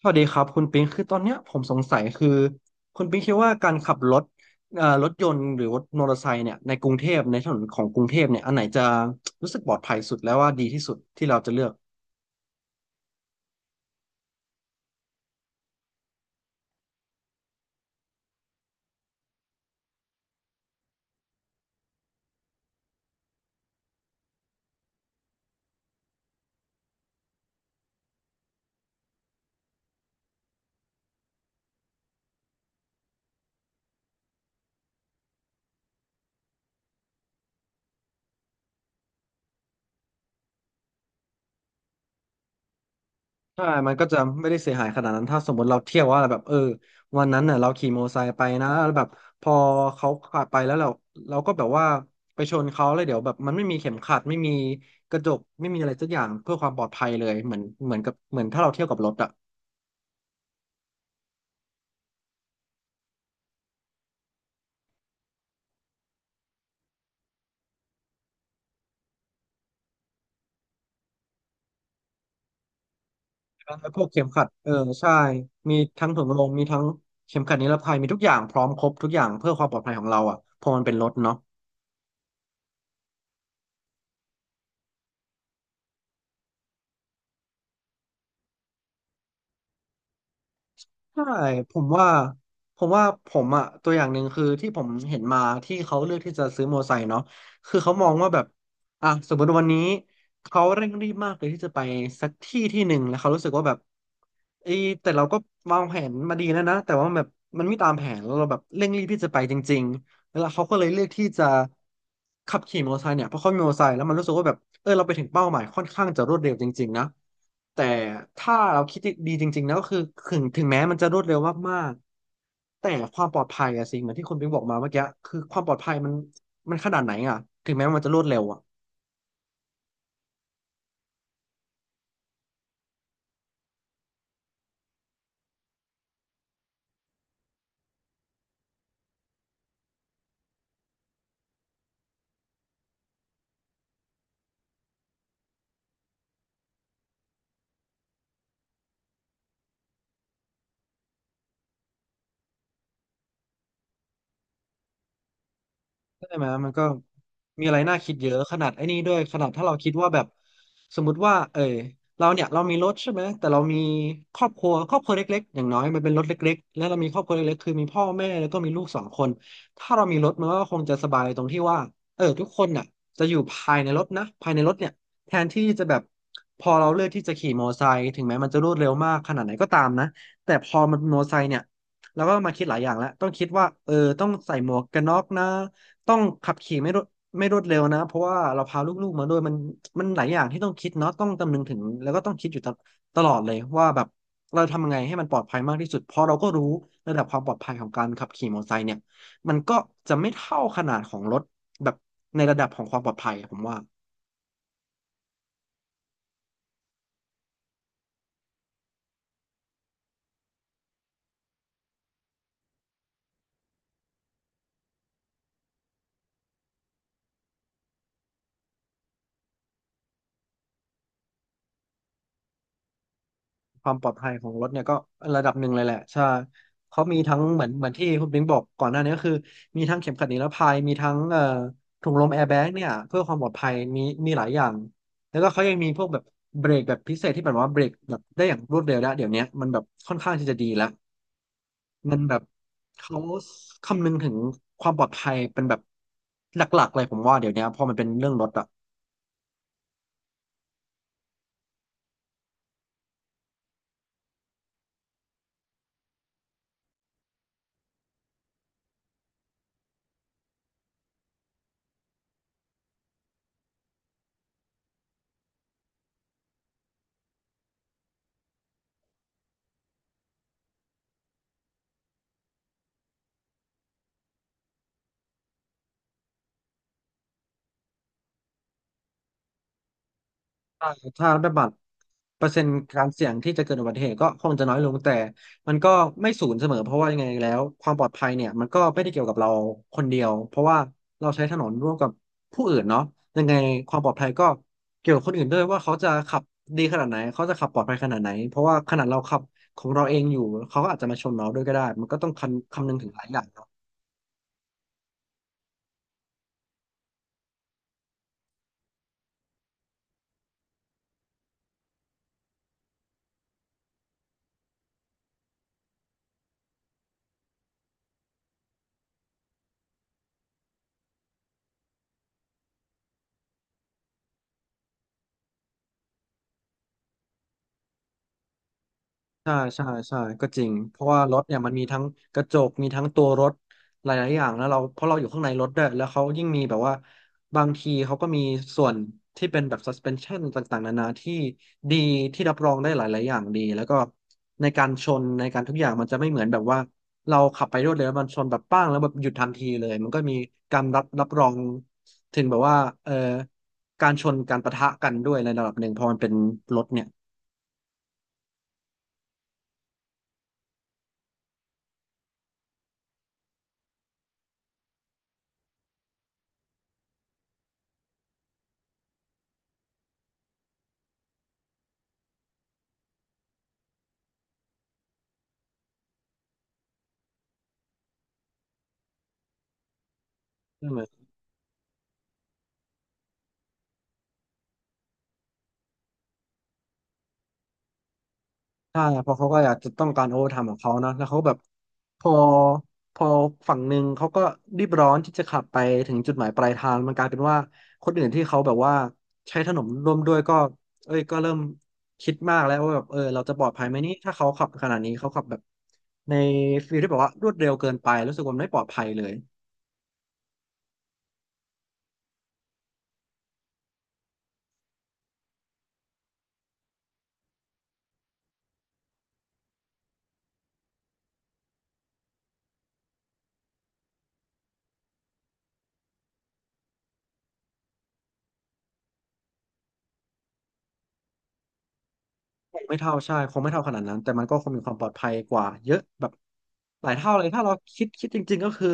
สวัสดีครับคุณปิงคือตอนเนี้ยผมสงสัยคือคุณปิงคิดว่าการขับรถรถยนต์หรือรถมอเตอร์ไซค์เนี่ยในกรุงเทพในถนนของกรุงเทพเนี่ยอันไหนจะรู้สึกปลอดภัยสุดแล้วว่าดีที่สุดที่เราจะเลือกใช่มันก็จะไม่ได้เสียหายขนาดนั้นถ้าสมมติเราเที่ยวว่าแบบเออวันนั้นน่ะเราขี่มอเตอร์ไซค์ไปนะแล้วแบบพอเขาขับไปแล้วเราก็แบบว่าไปชนเขาแล้วเดี๋ยวแบบมันไม่มีเข็มขัดไม่มีกระจกไม่มีอะไรสักอย่างเพื่อความปลอดภัยเลยเหมือนถ้าเราเที่ยวกับรถอะ แล้วพวกเข็มขัดเออใช่มีทั้งถุงลมมีทั้งเข็มขัดนิรภัยมีทุกอย่างพร้อมครบทุกอย่างเพื่อความปลอดภัยของเราอ่ะเพอมันเป็นรถเนาะใช่ผมว่าผมว่าผมอ่ะตัวอย่างหนึ่งคือที่ผมเห็นมาที่เขาเลือกที่จะซื้อมอเตอร์ไซค์เนาะคือเขามองว่าแบบอ่ะสมมติวันนี้เขาเร่งรีบมากเลยที่จะไปสักที่ที่หนึ่งแล้วเขารู้สึกว่าแบบเอยแต่เราก็วางแผนมาดีแล้วนะแต่ว่าแบบมันไม่ตามแผนแล้วเราแบบเร่งรีบที่จะไปจริง แล้วเขาก็เลยเลือกที่จะขับขี่มอเตอร์ไซค์เนี่ยเพราะเขามีมอเตอร์ไซค์แล้วมันรู้สึกว่าแบบเออเราไปถึงเป้าหมายค่อนข้างจะรวดเร็วจริงๆนะแต่ถ้าเราคิดดีจริงๆนะก็คือถึงแม้มันจะรวดเร็วมากๆแต่ความปลอดภัยอะสิเหมือนที่คุณปิ๊งบอกมาเมื่อกี้คือความปลอดภัยมันขนาดไหนอะถึงแม้มันจะรวดเร็วอะ ใช่ไหมมันก็มีอะไรน่าคิดเยอะขนาดไอ้นี่ด้วยขนาดถ้าเราคิดว่าแบบสมมติว่าเออเราเนี่ยเรามีรถใช่ไหมแต่เรามีครอบครัวเล็กๆอย่างน้อยมันเป็นรถเล็กๆและเรามีครอบครัวเล็กๆคือมีพ่อแม่แล้วก็มีลูกสองคนถ้าเรามีรถมันก็คงจะสบายตรงที่ว่าเออทุกคนน่ะจะอยู่ภายในรถนะภายในรถเนี่ยแทนที่จะแบบพอเราเลือกที่จะขี่มอเตอร์ไซค์ถึงแม้มันจะรวดเร็วมากขนาดไหนก็ตามนะแต่พอมันเป็นมอเตอร์ไซค์เนี่ยแล้วก็มาคิดหลายอย่างแล้วต้องคิดว่าเออต้องใส่หมวกกันน็อกนะ ต้องขับขี่ไม่รวดเร็วนะเพราะว่าเราพาลูกๆมาด้วยมันหลายอย่างที่ต้องคิดเนาะต้องคำนึงถึงแล้วก็ต้องคิดอยู่ตลอดเลยว่าแบบเราทำยังไงให้มันปลอดภัยมากที่สุดเพราะเราก็รู้ระดับความปลอดภัยของการขับขี่มอเตอร์ไซค์เนี่ยมันก็จะไม่เท่าขนาดของรถแบบในระดับของความปลอดภัยอะผมว่า ความปลอดภัยของรถเนี่ยก็ระดับหนึ่งเลยแหละใช่เขามีทั้งเหมือนที่คุณบิงบอกก่อนหน้านี้ก็คือมีทั้งเข็มขัดนิรภัยมีทั้งถุงลมแอร์แบ็กเนี่ยเพื่อความปลอดภัยมีหลายอย่างแล้วก็เขายังมีพวกแบบเบรกแบบพิเศษที่แบบว่าเบรกแบบได้อย่างรวดเร็วแล้วเดี๋ยวนี้มันแบบค่อนข้างที่จะดีแล้วมันแบบเขาคำนึงถึงความปลอดภัยเป็นแบบหลักๆเลยผมว่าเดี๋ยวนี้ยพอมันเป็นเรื่องรถอะ ใช่ถ้าได้บัตรเปอร์เซ็นต์การเสี่ยงที่จะเกิดอุบัติเหตุก็คงจะน้อยลงแต่มันก็ไม่ศูนย์เสมอเพราะว่ายังไงแล้วความปลอดภัยเนี่ยมันก็ไม่ได้เกี่ยวกับเราคนเดียวเพราะว่าเราใช้ถนนร่วมกับผู้อื่นเนาะยังไงความปลอดภัยก็เกี่ยวกับคนอื่นด้วยว่าเขาจะขับดีขนาดไหนเขาจะขับปลอดภัยขนาดไหนเพราะว่าขนาดเราขับของเราเองอยู่เขาก็อาจจะมาชนเราด้วยก็ได้มันก็ต้องคำนึงถึงหลายอย่าง ใช่ใช่ใช่ก็จริงเพราะว่ารถเนี่ยมันมีทั้งกระจกมีทั้งตัวรถหลายๆอย่างแล้วเราเพราะเราอยู่ข้างในรถด้วยแล้วเขายิ่งมีแบบว่าบางทีเขาก็มีส่วนที่เป็นแบบ suspension ต่างๆนานาที่ดีที่รับรองได้หลายๆอย่างดีแล้วก็ในการชนในการทุกอย่างมันจะไม่เหมือนแบบว่าเราขับไปรวดเร็วแล้วมันชนแบบป้างแล้วแบบหยุดทันทีเลยมันก็มีการรับรองถึงแบบว่าเอ่อการชนการปะทะกันด้วยในระดับหนึ่งเพอมันเป็นรถเนี่ย ใช่เพราะเขาก็อยากจะต้องการโอเวอร์ไทม์ของเขาเนอะแล้วเขาแบบพอพอฝั่งหนึ่งเขาก็รีบร้อนที่จะขับไปถึงจุดหมายปลายทางมันกลายเป็นว่าคนอื่นที่เขาแบบว่าใช้ถนนร่วมด้วยก็เอ้ยก็เริ่มคิดมากแล้วว่าแบบเออเราจะปลอดภัยไหมนี่ถ้าเขาขับขนาดนี้เขาขับแบบในฟีลที่แบบว่ารวดเร็วเกินไปรู้สึกว่ามันไม่ปลอดภัยเลย งไม่เท่าใช่คงไม่เท่าขนาดนั้น แต่มันก็คงมีความปลอดภัยกว่าเยอะแบบหลายเท่าเลย ถ้าเราคิดจริงๆก็คือ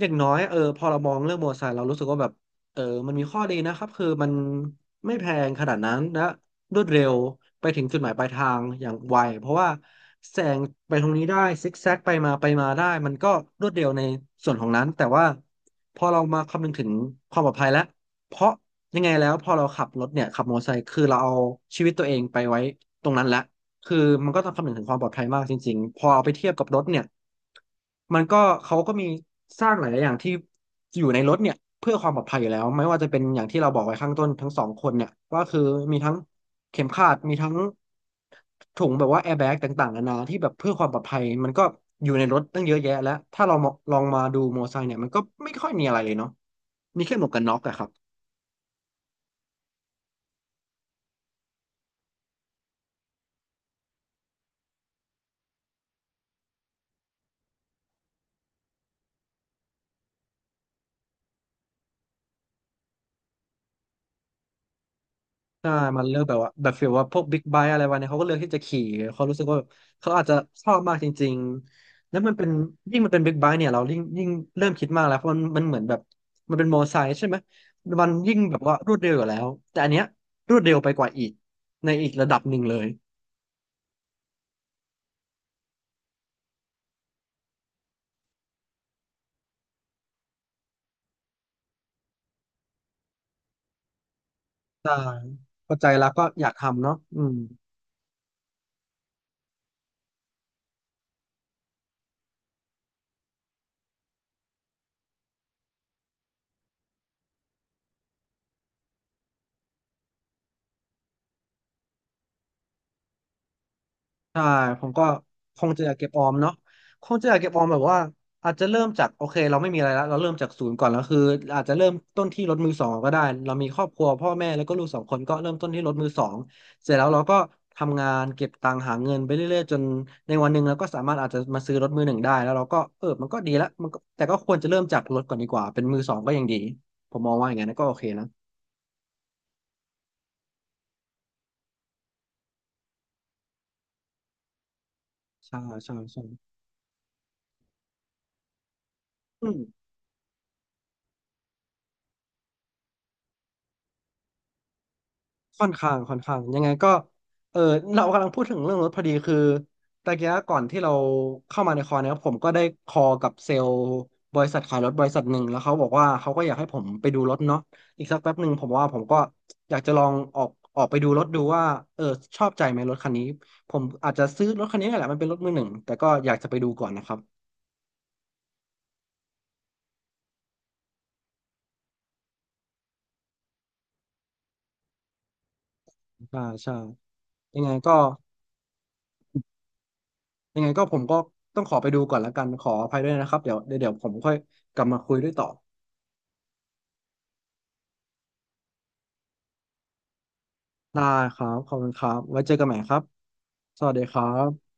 อย่างน้อยเออพอเรามองเรื่องมอเตอร์ไซค์เรารู้สึกว่าแบบเออมันมีข้อดีนะครับคือมันไม่แพงขนาดนั้นและรวดเร็วไปถึงจุดหมายปลายทางอย่างไวเพราะว่าแซงไปตรงนี้ได้ซิกแซกไปมาไปมาได้มันก็รวดเร็วในส่วนของนั้นแต่ว่าพอเรามาคำนึงถึงความปลอดภัยแล้ว เพราะยังไงแล้วพอเราขับรถเนี่ยขับมอเตอร์ไซค์คือเราเอาชีวิตตัวเองไปไว้ตรงนั้นละคือมันก็ต้องคำนึงถึงความปลอดภัยมากจริงๆพอเอาไปเทียบกับรถเนี่ยมันก็เขาก็มีสร้างหลายๆอย่างที่อยู่ในรถเนี่ยเพื่อความปลอดภัยอยู่แล้วไม่ว่าจะเป็นอย่างที่เราบอกไว้ข้างต้นทั้งสองคนเนี่ยว่าคือมีทั้งเข็มขัดมีทั้งถุงแบบว่าแอร์แบ็กต่างๆนานาที่แบบเพื่อความปลอดภัยมันก็อยู่ในรถตั้งเยอะแยะแล้วถ้าเรามองลองมาดูมอเตอร์ไซค์เนี่ยมันก็ไม่ค่อยมีอะไรเลยเนาะมีแค่หมวกกันน็อกอะครับ ใช่มันเลือกแบบว่าแบบฟีลว่าพวกบิ๊กไบค์อะไรวะเนี่ยเขาก็เลือกที่จะขี่เขารู้สึกว่าเขาอาจจะชอบมากจริงๆแล้วมันเป็นยิ่งมันเป็นบิ๊กไบค์เนี่ยเรายิ่งเริ่มคิดมากแล้วเพราะมันเหมือนแบบมันเป็นมอเตอร์ไซค์ใช่ไหมมันยิ่งแบบว่ารวดเร็วอยู่แล้วแต่อันเนี้ยรวดเร็วไปกว่าอีกในอีกระดับหนึ่งเลยใช่พอใจแล้วก็อยากทำเนาะอืม ใช่ผมก็คงจะอยากเก็บออมเนาะคงจะอยากเก็บออมแบบว่าอาจจะเริ่มจากโอเคเราไม่มีอะไรแล้วเราเริ่มจากศูนย์ก่อนแล้วคืออาจจะเริ่มต้นที่รถมือสองก็ได้เรามีครอบครัวพ่อแม่แล้วก็ลูกสองคนก็เริ่มต้นที่รถมือสองเสร็จแล้วเราก็ทำงานเก็บตังค์หาเงินไปเรื่อยๆจนในวันหนึ่งเราก็สามารถอาจจะมาซื้อรถมือหนึ่งได้แล้วเราก็เออมันก็ดีละมันก็แต่ก็ควรจะเริ่มจากรถก่อนดีกว่าเป็นมือสองก็ยังดีผมมองว่าอย่างนั้นนะก็โอเคนะใช่ใช่ใช่ ค่อนข้างยังไงก็เออเรากำลังพูดถึงเรื่องรถพอดีคือตะเกี้ก่อนที่เราเข้ามาในคอร์เนี่ยผมก็ได้คอกับเซลล์บริษัทขายรถบริษัทหนึ่งแล้วเขาบอกว่าเขาก็อยากให้ผมไปดูรถเนาะอีกสักแป๊บหนึ่งผมว่าผมก็อยากจะลองออกไปดูรถดูว่าเออชอบใจไหมรถคันนี้ผมอาจจะซื้อรถคันนี้แหละมันเป็นรถมือหนึ่งแต่ก็อยากจะไปดูก่อนนะครับใช่ใช่ยังไงก็ยังไงก็ผมก็ต้องขอไปดูก่อนแล้วกันขออภัยด้วยนะครับเดี๋ยวผมค่อยกลับมาคุยด้วยต่อ ได้ครับขอบคุณครับไว้เจอกันใหม่ครับ สวัสดีครับ